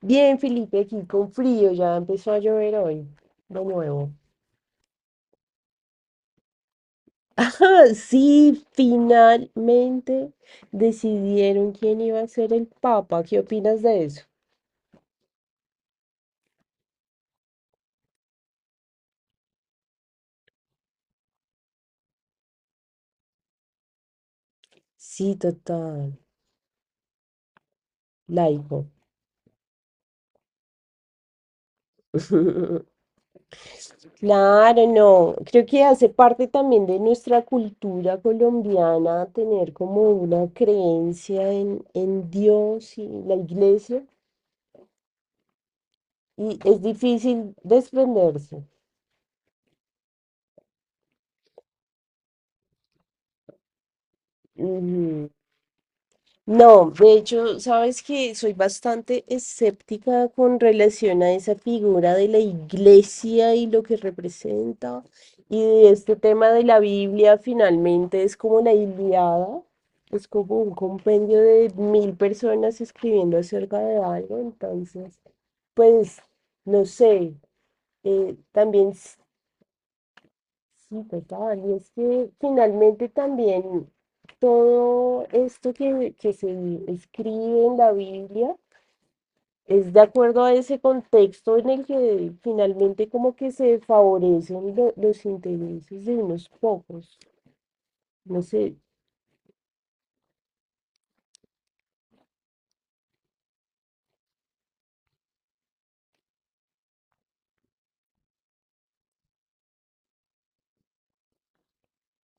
Bien, Felipe, aquí con frío, ya empezó a llover hoy, de nuevo. Ajá, sí, finalmente decidieron quién iba a ser el Papa. ¿Qué opinas de eso? Sí, total, laico. Claro, no. Creo que hace parte también de nuestra cultura colombiana tener como una creencia en Dios y la iglesia. Y es difícil desprenderse. Ujú. No, de hecho, sabes que soy bastante escéptica con relación a esa figura de la iglesia y lo que representa. Y de este tema de la Biblia, finalmente es como la Ilíada, es como un compendio de mil personas escribiendo acerca de algo. Entonces, pues, no sé, también sí, total, y es que finalmente también todo esto que se escribe en la Biblia es de acuerdo a ese contexto en el que finalmente como que se favorecen los intereses de unos pocos. No sé,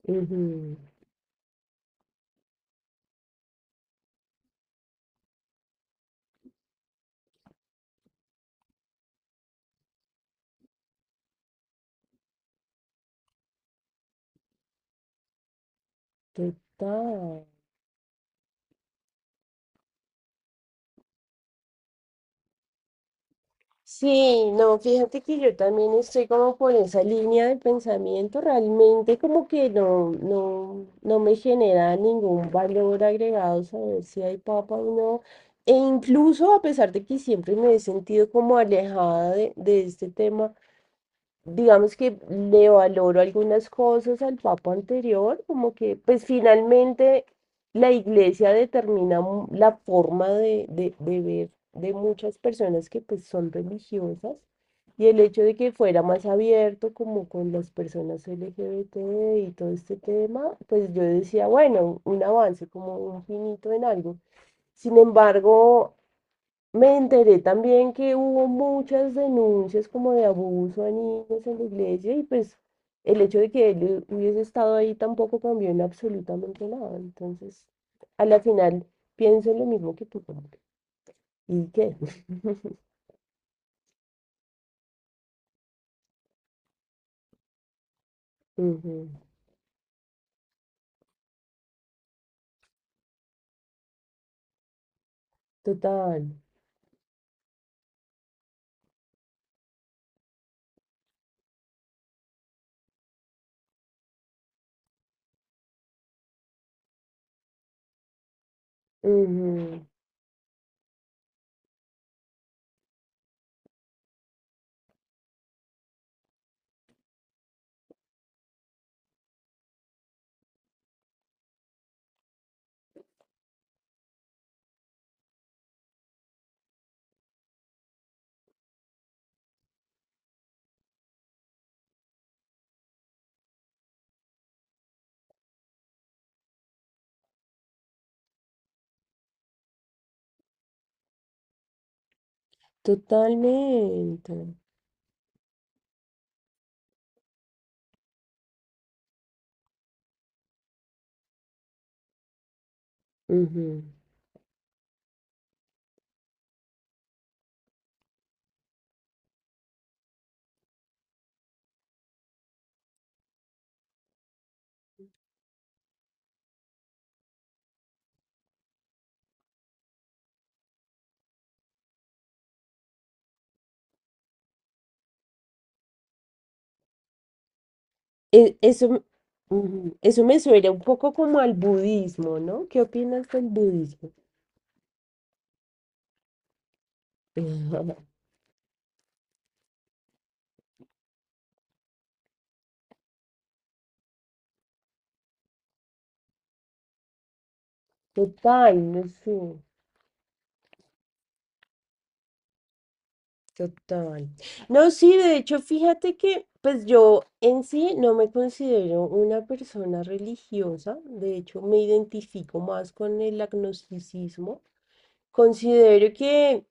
ujú, total. Sí, no, fíjate que yo también estoy como por esa línea de pensamiento, realmente como que no me genera ningún valor agregado saber si hay papa o no. E incluso a pesar de que siempre me he sentido como alejada de este tema, digamos que le valoro algunas cosas al papa anterior, como que pues finalmente la iglesia determina la forma de ver de muchas personas que pues son religiosas y el hecho de que fuera más abierto como con las personas LGBT y todo este tema, pues yo decía, bueno, un avance como un finito en algo. Sin embargo, me enteré también que hubo muchas denuncias como de abuso a niños en la iglesia y pues el hecho de que él hubiese estado ahí tampoco cambió en absolutamente nada. Entonces, a la final pienso en lo mismo que tú, como que, ¿y qué? Ujú, total. Ujú, totalmente. Ujú. Eso, ujú, eso me suena un poco como al budismo, ¿no? ¿Qué opinas del budismo? Total, no sé. Total. No, sí, de hecho, fíjate que pues yo en sí no me considero una persona religiosa, de hecho me identifico más con el agnosticismo. Considero que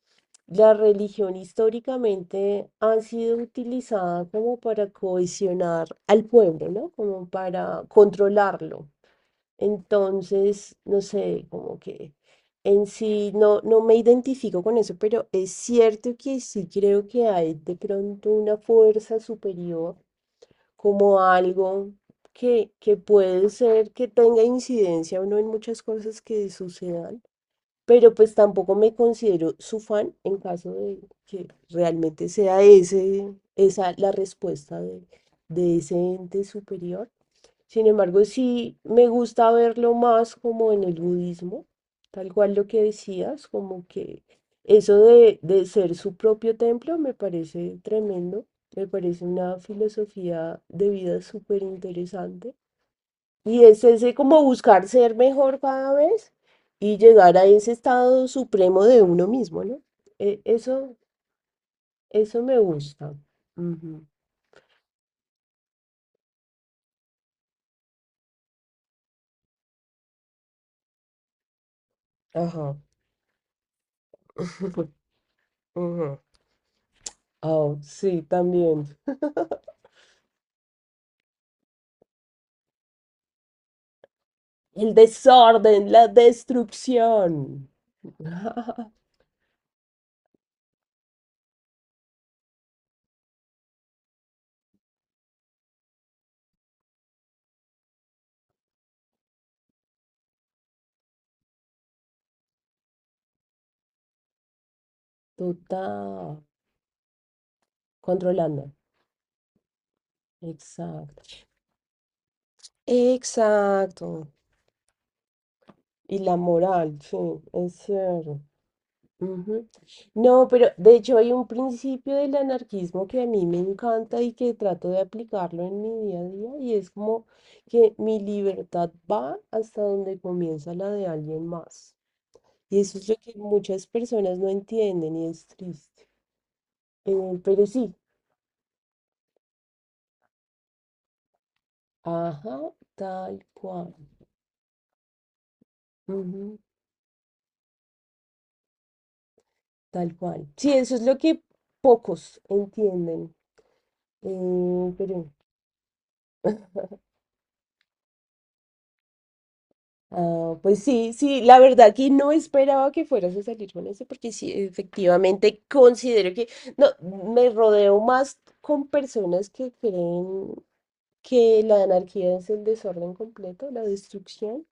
la religión históricamente ha sido utilizada como para cohesionar al pueblo, ¿no? Como para controlarlo. Entonces, no sé, como que en sí no me identifico con eso, pero es cierto que sí creo que hay de pronto una fuerza superior, como algo que puede ser que tenga incidencia o no en muchas cosas que sucedan, pero pues tampoco me considero su fan en caso de que realmente sea esa la respuesta de ese ente superior. Sin embargo, sí me gusta verlo más como en el budismo, tal cual lo que decías, como que eso de ser su propio templo me parece tremendo, me parece una filosofía de vida súper interesante. Y es ese como buscar ser mejor cada vez y llegar a ese estado supremo de uno mismo, ¿no? Eso, eso me gusta. Ujú. Ajá. Ujú. Ah, sí, también. El desorden, la destrucción. Total. Controlando. Exacto. Exacto. Y la moral, sí, es cierto. Ujú. No, pero de hecho hay un principio del anarquismo que a mí me encanta y que trato de aplicarlo en mi día a día y es como que mi libertad va hasta donde comienza la de alguien más. Y eso es lo que muchas personas no entienden y es triste. Eh, pero sí, ajá, tal cual. Ujú, tal cual. Sí, eso es lo que pocos entienden. eh, pero, ah, pues sí, sí, la verdad que no esperaba que fueras a salir con eso, porque sí, efectivamente considero que no, me rodeo más con personas que creen que la anarquía es el desorden completo, la destrucción.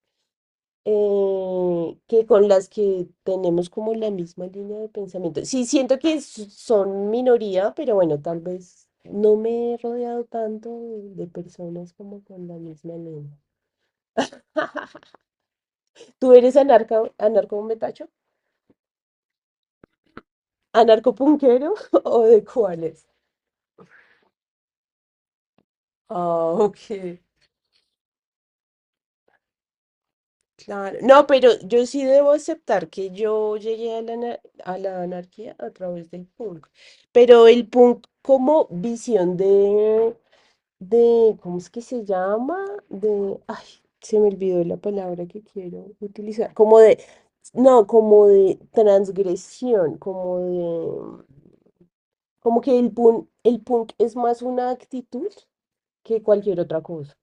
Que con las que tenemos como la misma línea de pensamiento. Sí, siento que son minoría, pero bueno, tal vez no me he rodeado tanto de personas como con la misma línea. ¿Tú eres anarca, anarco metacho? ¿Anarcopunquero o de cuáles? Ah, ok, claro. No, pero yo sí debo aceptar que yo llegué a la, a la anarquía a través del punk, pero el punk como visión de ¿cómo es que se llama? De, ay, se me olvidó la palabra que quiero utilizar, como de, no, como de transgresión, como de, como que el punk es más una actitud que cualquier otra cosa.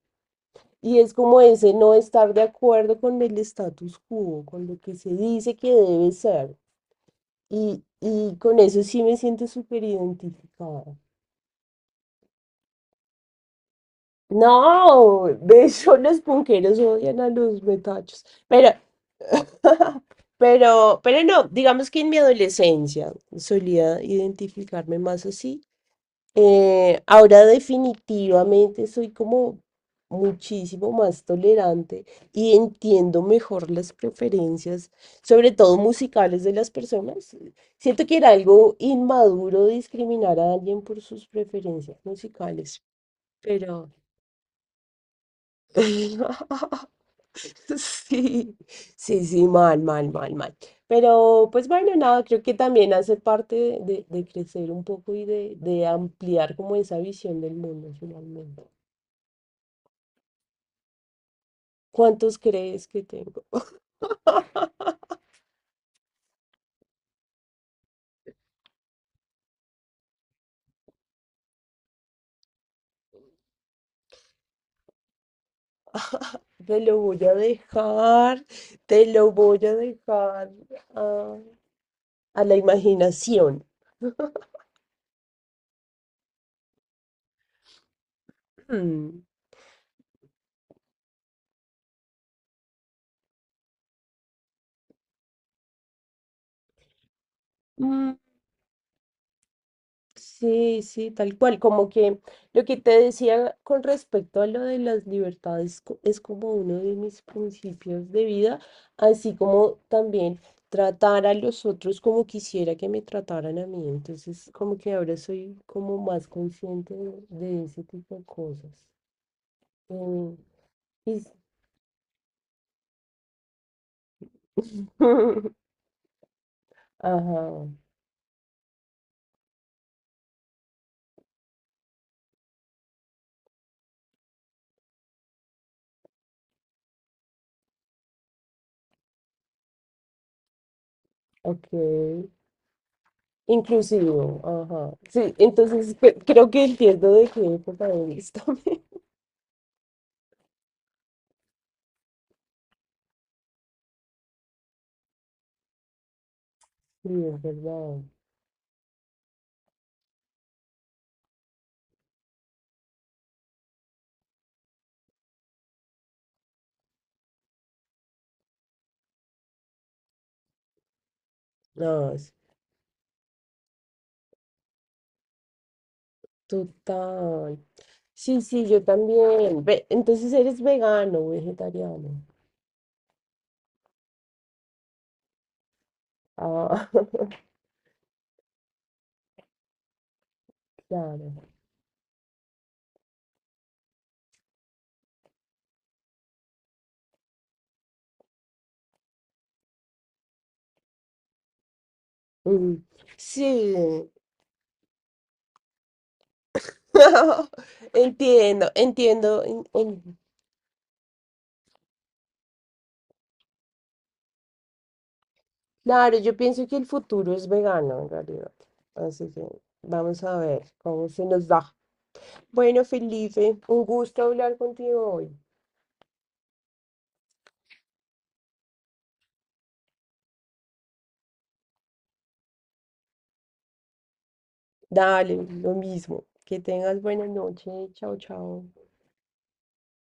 Y es como ese no estar de acuerdo con el status quo, con lo que se dice que debe ser. Y con eso sí me siento súper identificada. No, de hecho los punqueros odian a los metachos. Pero Pero no, digamos que en mi adolescencia solía identificarme más así. Ahora definitivamente soy como muchísimo más tolerante y entiendo mejor las preferencias, sobre todo musicales de las personas. Siento que era algo inmaduro discriminar a alguien por sus preferencias musicales, pero, sí, sí, mal, mal. Pero pues bueno, nada, creo que también hace parte de crecer un poco y de ampliar como esa visión del mundo finalmente. ¿Cuántos crees que tengo? Te lo voy a dejar, te lo voy a dejar a, a la imaginación. Sí, sí, tal cual, como que lo que te decía con respecto a lo de las libertades es como uno de mis principios de vida, así como también tratar a los otros como quisiera que me trataran a mí, entonces como que ahora soy como más consciente de ese tipo de cosas. Eh, y s- Ajá, ok, inclusivo, ajá, sí, entonces creo que entiendo de qué época eres también. Sí, es verdad. No, es total. Sí, sí, yo también. Entonces eres vegano, vegetariano. Ah, claro. Mm, sí. Entiendo, entiendo. Claro, yo pienso que el futuro es vegano en realidad. Así que vamos a ver cómo se nos da. Bueno, Felipe, un gusto hablar contigo hoy. Dale, lo mismo. Que tengas buena noche. Chao, chao.